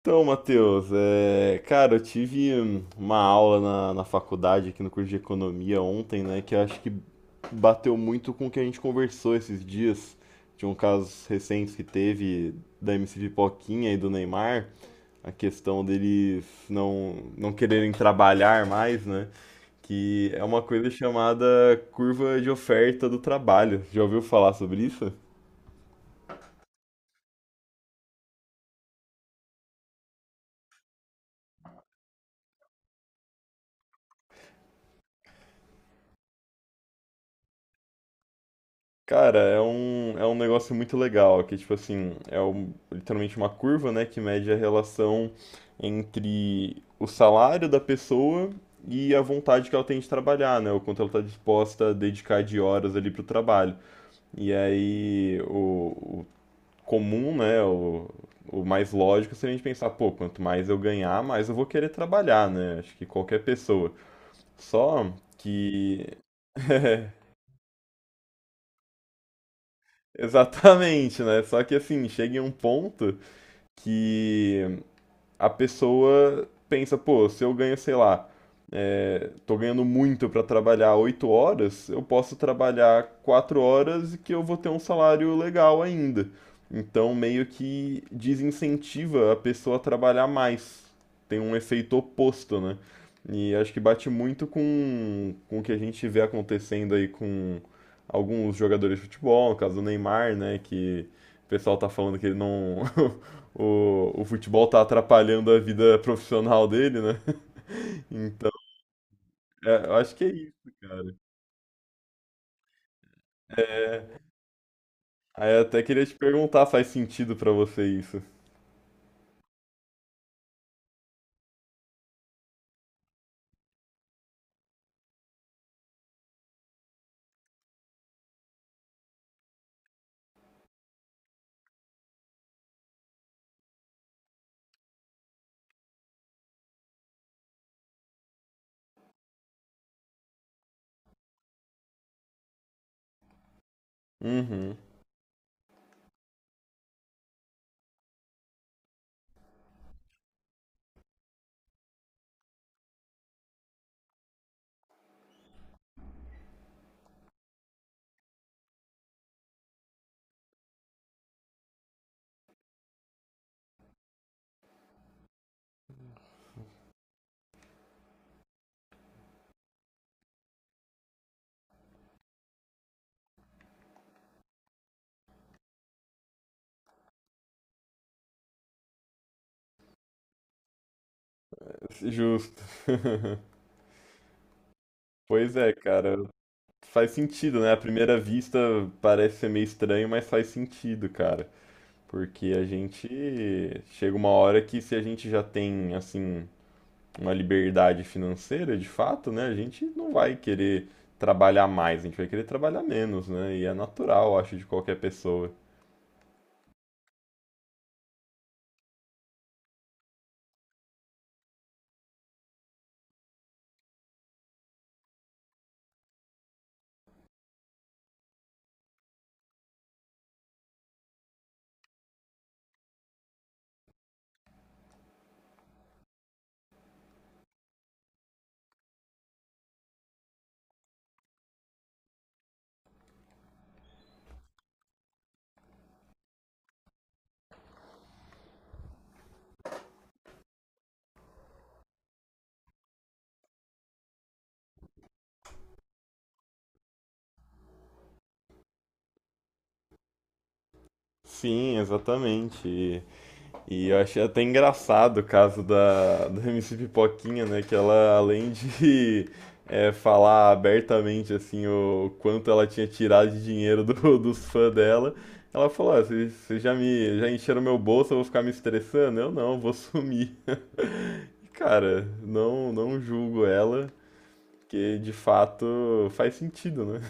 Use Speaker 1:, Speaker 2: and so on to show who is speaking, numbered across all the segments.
Speaker 1: Então, Matheus, eu tive uma aula na faculdade, aqui no curso de economia ontem, né, que eu acho que bateu muito com o que a gente conversou esses dias, de um caso recente que teve da MC Pipoquinha e do Neymar, a questão deles não quererem trabalhar mais, né, que é uma coisa chamada curva de oferta do trabalho. Já ouviu falar sobre isso? Cara, é um negócio muito legal, que tipo assim, literalmente uma curva, né, que mede a relação entre o salário da pessoa e a vontade que ela tem de trabalhar, né, o quanto ela está disposta a dedicar de horas ali pro trabalho. E aí o comum, né, o mais lógico seria a gente pensar, pô, quanto mais eu ganhar, mais eu vou querer trabalhar, né, acho que qualquer pessoa. Só que Exatamente, né? Só que assim, chega em um ponto que a pessoa pensa, pô, se eu ganho, sei lá, tô ganhando muito para trabalhar 8 horas, eu posso trabalhar 4 horas e que eu vou ter um salário legal ainda. Então, meio que desincentiva a pessoa a trabalhar mais. Tem um efeito oposto, né? E acho que bate muito com o que a gente vê acontecendo aí com alguns jogadores de futebol, no caso do Neymar, né? Que o pessoal tá falando que ele não, o futebol tá atrapalhando a vida profissional dele, né? Então, eu acho que é isso, cara. Aí eu até queria te perguntar, faz sentido pra você isso? Uhum, justo. Pois é, cara, faz sentido, né? À primeira vista parece ser meio estranho, mas faz sentido, cara. Porque a gente chega uma hora que se a gente já tem, assim, uma liberdade financeira, de fato, né, a gente não vai querer trabalhar mais, a gente vai querer trabalhar menos, né? E é natural, eu acho, de qualquer pessoa. Sim, exatamente. E eu achei até engraçado o caso da MC Pipoquinha, né? Que ela, além de falar abertamente, assim, o quanto ela tinha tirado de dinheiro dos fãs dela, ela falou, ah, vocês já me, já encheram meu bolso, eu vou ficar me estressando? Eu não, vou sumir. E, cara, não julgo ela, porque de fato faz sentido, né?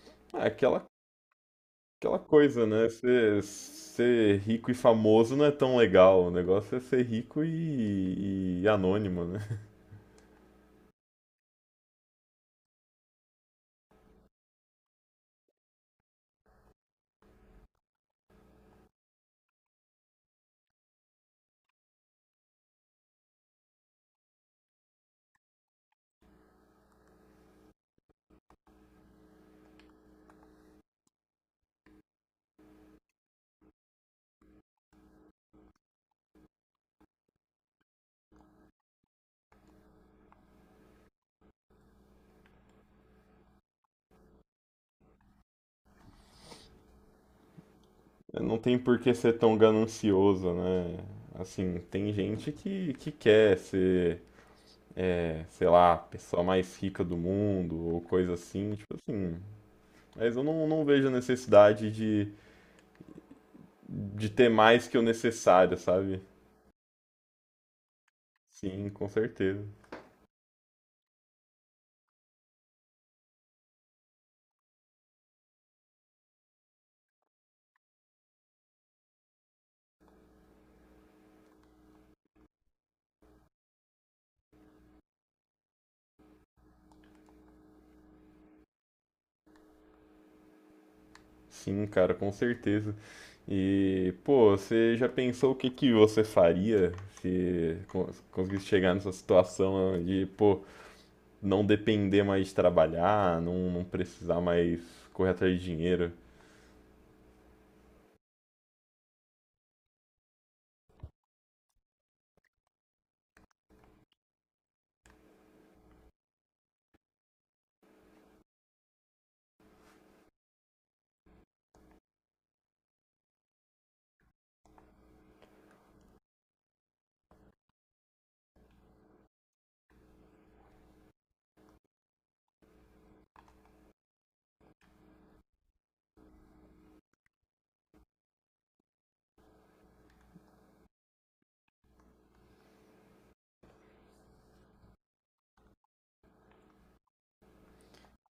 Speaker 1: Aquela Aquela coisa, né? Ser rico e famoso não é tão legal. O negócio é ser rico e anônimo, né? Não tem por que ser tão ganancioso, né? Assim, tem gente que quer ser, sei lá, a pessoa mais rica do mundo ou coisa assim. Tipo assim. Mas eu não vejo a necessidade de ter mais que o necessário, sabe? Sim, com certeza. Sim, cara, com certeza. E, pô, você já pensou o que que você faria se conseguisse chegar nessa situação de, pô, não depender mais de trabalhar, não precisar mais correr atrás de dinheiro?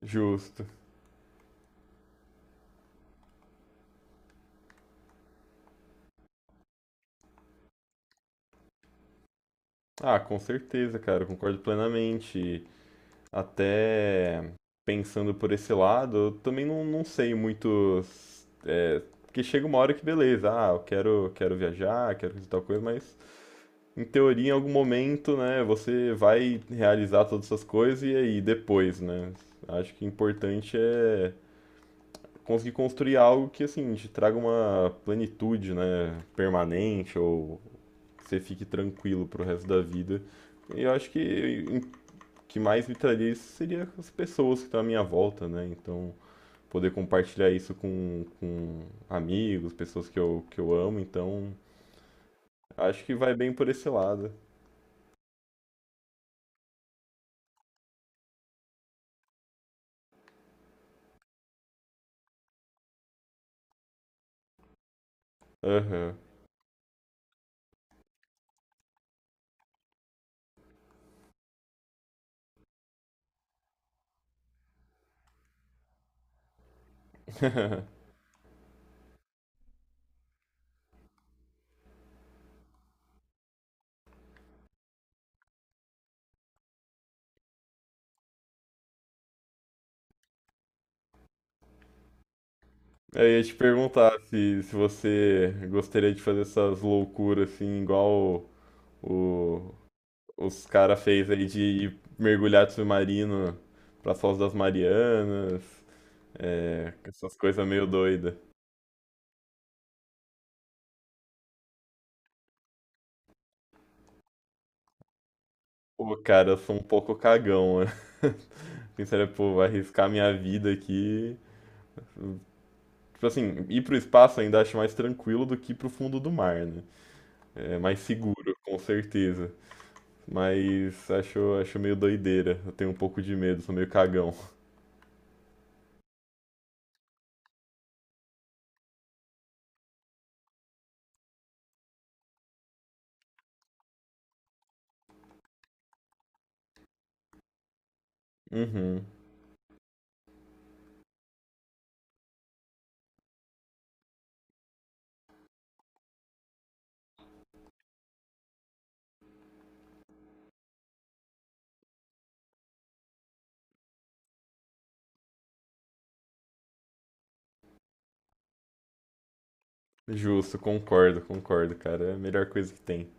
Speaker 1: Justo. Ah, com certeza, cara, eu concordo plenamente. Até pensando por esse lado, eu também não sei muito. É, porque chega uma hora que beleza, ah, quero viajar, quero fazer tal coisa, mas. Em teoria, em algum momento, né, você vai realizar todas essas coisas e aí depois, né? Acho que o importante é conseguir construir algo que, assim, te traga uma plenitude, né, permanente ou que você fique tranquilo pro resto da vida. E eu acho que o que mais me traria isso seria as pessoas que estão à minha volta, né? Então, poder compartilhar isso com amigos, pessoas que eu amo. Então, acho que vai bem por esse lado. Aham. Eu ia te perguntar se você gostaria de fazer essas loucuras assim, igual o, o- os cara fez aí de ir mergulhar de submarino pra Foz das Marianas, é, essas coisas meio doidas. Pô, cara, eu sou um pouco cagão, né? Pensaria, pô, vou arriscar minha vida aqui. Tipo assim, ir pro espaço ainda acho mais tranquilo do que ir pro fundo do mar, né? É mais seguro, com certeza. Mas acho meio doideira. Eu tenho um pouco de medo, sou meio cagão. Uhum. Justo, concordo, cara. É a melhor coisa que tem.